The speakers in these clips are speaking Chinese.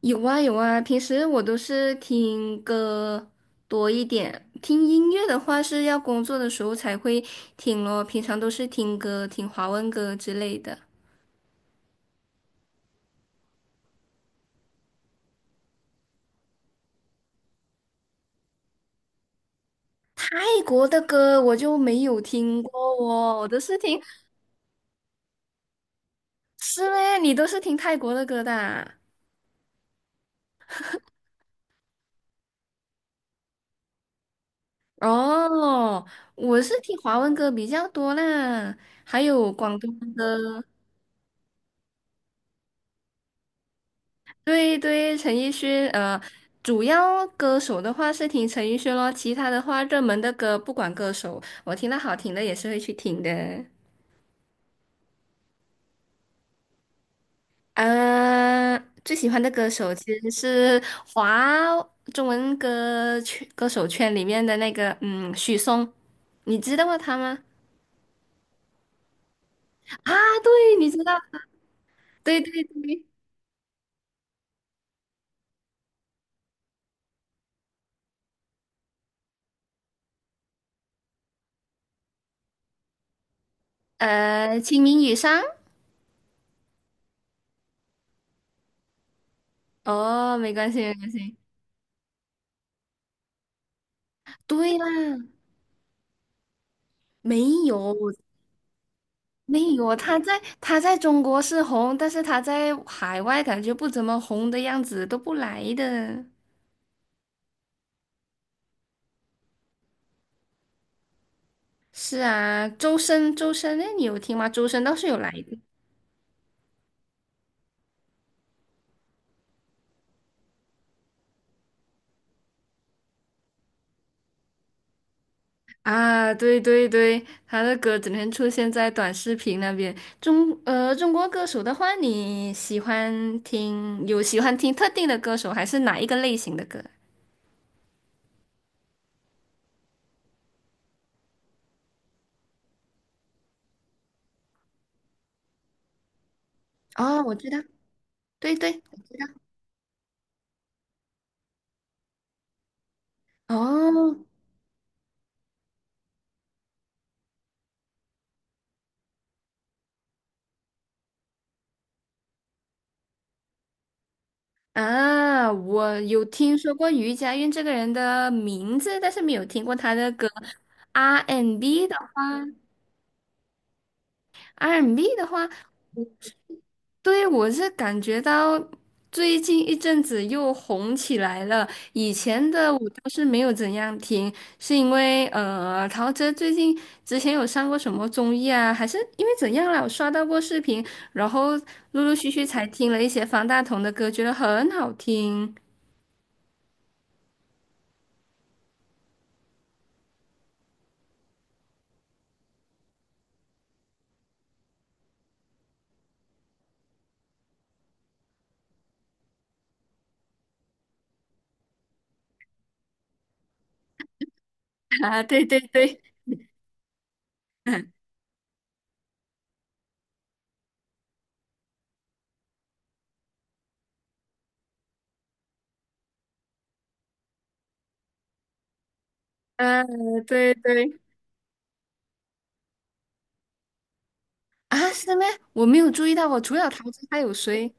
有啊有啊，平时我都是听歌多一点，听音乐的话是要工作的时候才会听咯，平常都是听歌，听华文歌之类的。泰国的歌我就没有听过。哦，我都是听，是嘞，你都是听泰国的歌的啊？哦，我是听华文歌比较多啦，还有广东歌。对对，陈奕迅，主要歌手的话是听陈奕迅咯，其他的话热门的歌不管歌手，我听到好听的也是会去听的。呃，最喜欢的歌手其实是华中文歌曲歌手圈里面的那个，嗯，许嵩，你知道他吗？啊，对，你知道，对对对，清明雨上，哦，没关系没关系，对啦，没有，没有啊，他在中国是红，但是他在海外感觉不怎么红的样子，都不来的。是啊，周深，周深，那你有听吗？周深倒是有来的。啊，对对对，他的歌整天出现在短视频那边。中国歌手的话，你喜欢听有喜欢听特定的歌手，还是哪一个类型的歌？哦，我知道，对对，我知道。哦，啊，我有听说过于佳韵这个人的名字，但是没有听过他的歌。R&B and B 的话，R&B and B 的话，我对，我是感觉到最近一阵子又红起来了。以前的我倒是没有怎样听，是因为陶喆最近之前有上过什么综艺啊，还是因为怎样了？我刷到过视频，然后陆陆续续才听了一些方大同的歌，觉得很好听。啊，对对对。嗯，对对。啊，是吗？我没有注意到哦，我除了桃子还有谁？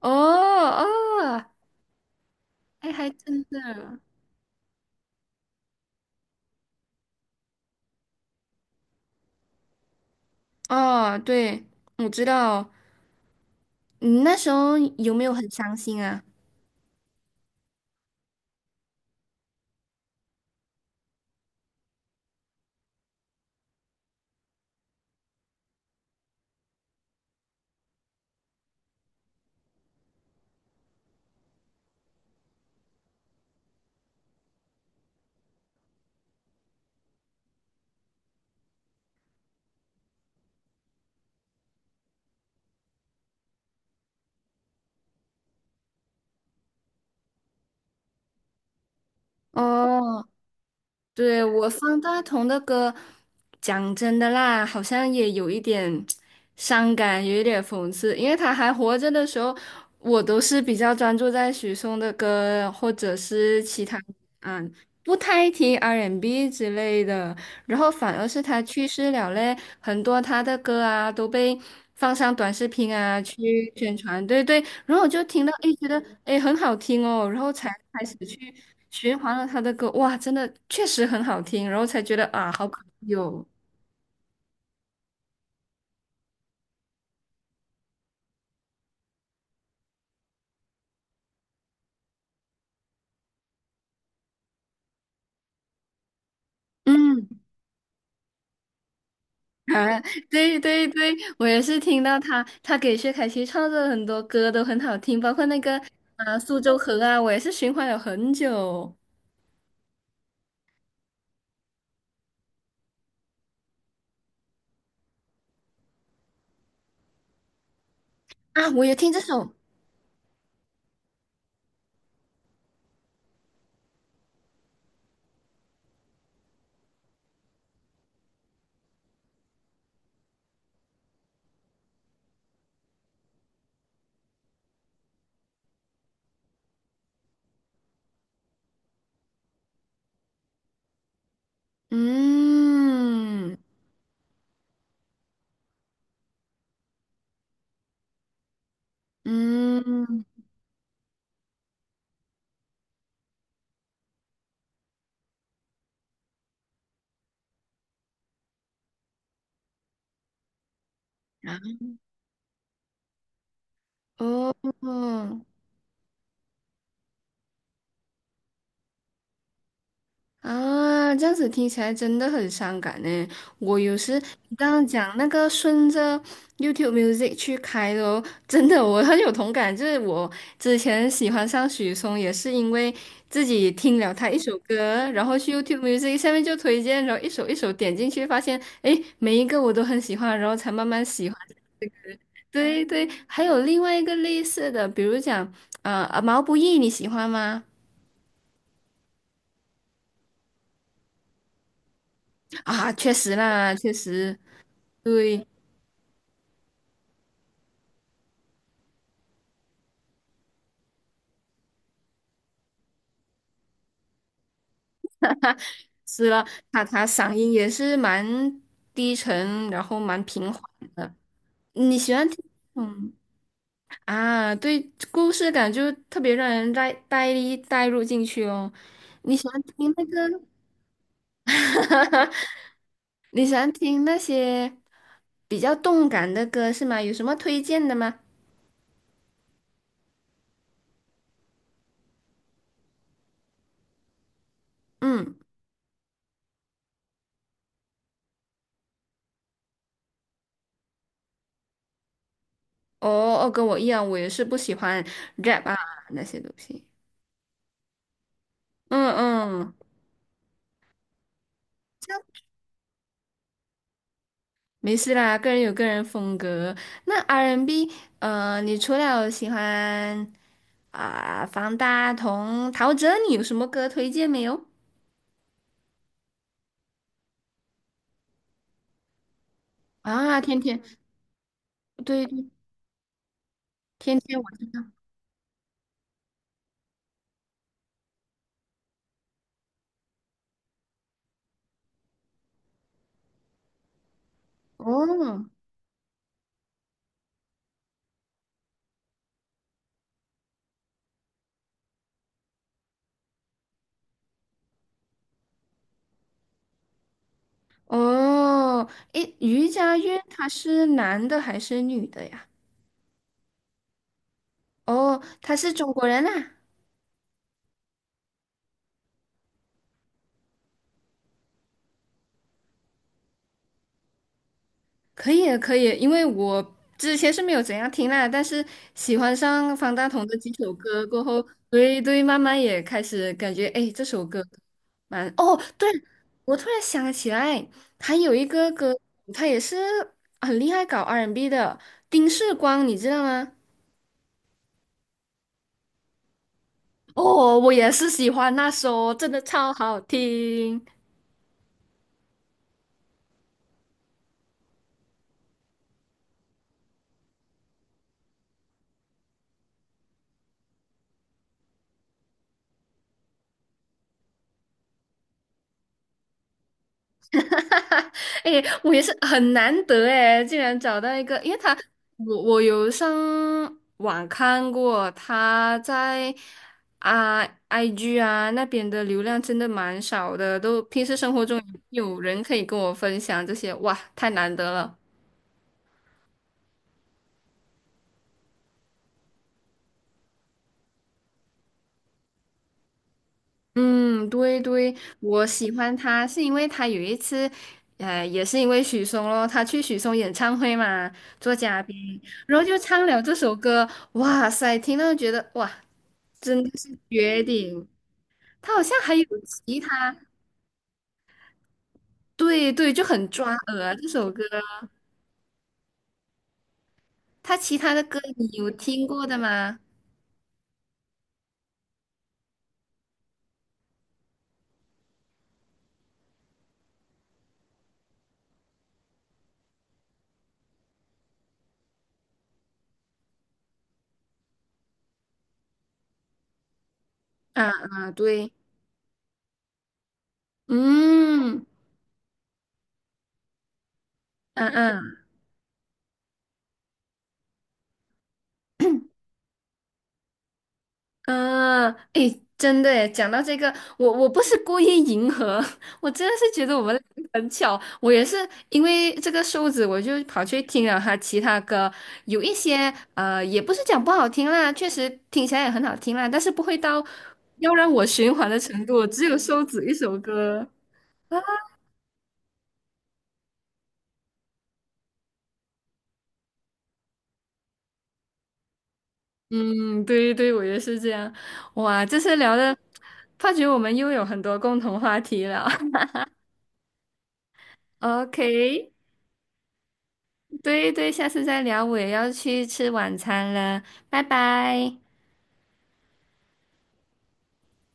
哦哦，哎，还真的。哦，对，我知道哦。你那时候有没有很伤心啊？哦，对，我方大同的歌，讲真的啦，好像也有一点伤感，有一点讽刺，因为他还活着的时候，我都是比较专注在许嵩的歌，或者是其他，嗯，不太听 R&B N 之类的。然后反而是他去世了嘞，很多他的歌啊都被放上短视频啊去宣传，对对，然后我就听到，诶，觉得诶很好听哦，然后才开始去循环了他的歌，哇，真的确实很好听，然后才觉得啊，好有，嗯，啊，对对对，我也是听到他，他给薛凯琪创作的很多歌都很好听，包括那个啊《苏州河》啊，我也是循环了很久。啊，我也听这首，嗯嗯，啊哦。啊，这样子听起来真的很伤感呢。我有时你刚刚讲那个顺着 YouTube Music 去开的哦，真的我很有同感。就是我之前喜欢上许嵩，也是因为自己听了他一首歌，然后去 YouTube Music 下面就推荐，然后一首一首点进去，发现诶，每一个我都很喜欢，然后才慢慢喜欢。对对，还有另外一个类似的，比如讲毛不易你喜欢吗？啊，确实啦，确实对。是了，他他嗓音也是蛮低沉，然后蛮平缓的。你喜欢听。嗯？啊？对，故事感就特别让人带入进去哦。你喜欢听那个？你喜欢听那些比较动感的歌是吗？有什么推荐的吗？嗯，哦哦，跟我一样，我也是不喜欢 rap 啊那些东西。嗯嗯。没事啦，个人有个人风格。那 R&B，n 你除了有喜欢啊、方大同、陶喆，你有什么歌推荐没有？啊，天天，对对，天天我知道。哦哦，诶，于佳韵他是男的还是女的呀？哦，他是中国人啊。可以啊可以啊，因为我之前是没有怎样听啦，但是喜欢上方大同的几首歌过后，对对，慢慢也开始感觉，哎，这首歌蛮……哦，对，我突然想起来，还有一个歌，他也是很厉害搞 R&B and B 的，丁世光，你知道吗？哦，我也是喜欢那首，真的超好听。哎，我也是很难得哎，竟然找到一个，因为他，我有上网看过，他在啊 IG 啊那边的流量真的蛮少的，都平时生活中有人可以跟我分享这些，哇，太难得了。嗯，对对，我喜欢他是因为他有一次，也是因为许嵩咯，他去许嵩演唱会嘛，做嘉宾，然后就唱了这首歌，哇塞，听到觉得哇。真的是绝顶。他好像还有其他，对对，就很抓耳啊这首歌，他其他的歌你有听过的吗？啊啊，对，嗯嗯嗯，嗯，诶，真的诶，讲到这个，我不是故意迎合，我真的是觉得我们俩很巧。我也是因为这个瘦子，我就跑去听了他其他歌，有一些也不是讲不好听啦，确实听起来也很好听啦，但是不会到要让我循环的程度，只有瘦子一首歌。嗯，对对，我也是这样。哇，这次聊的，发觉我们又有很多共同话题了。OK。对对，下次再聊，我也要去吃晚餐了，拜拜。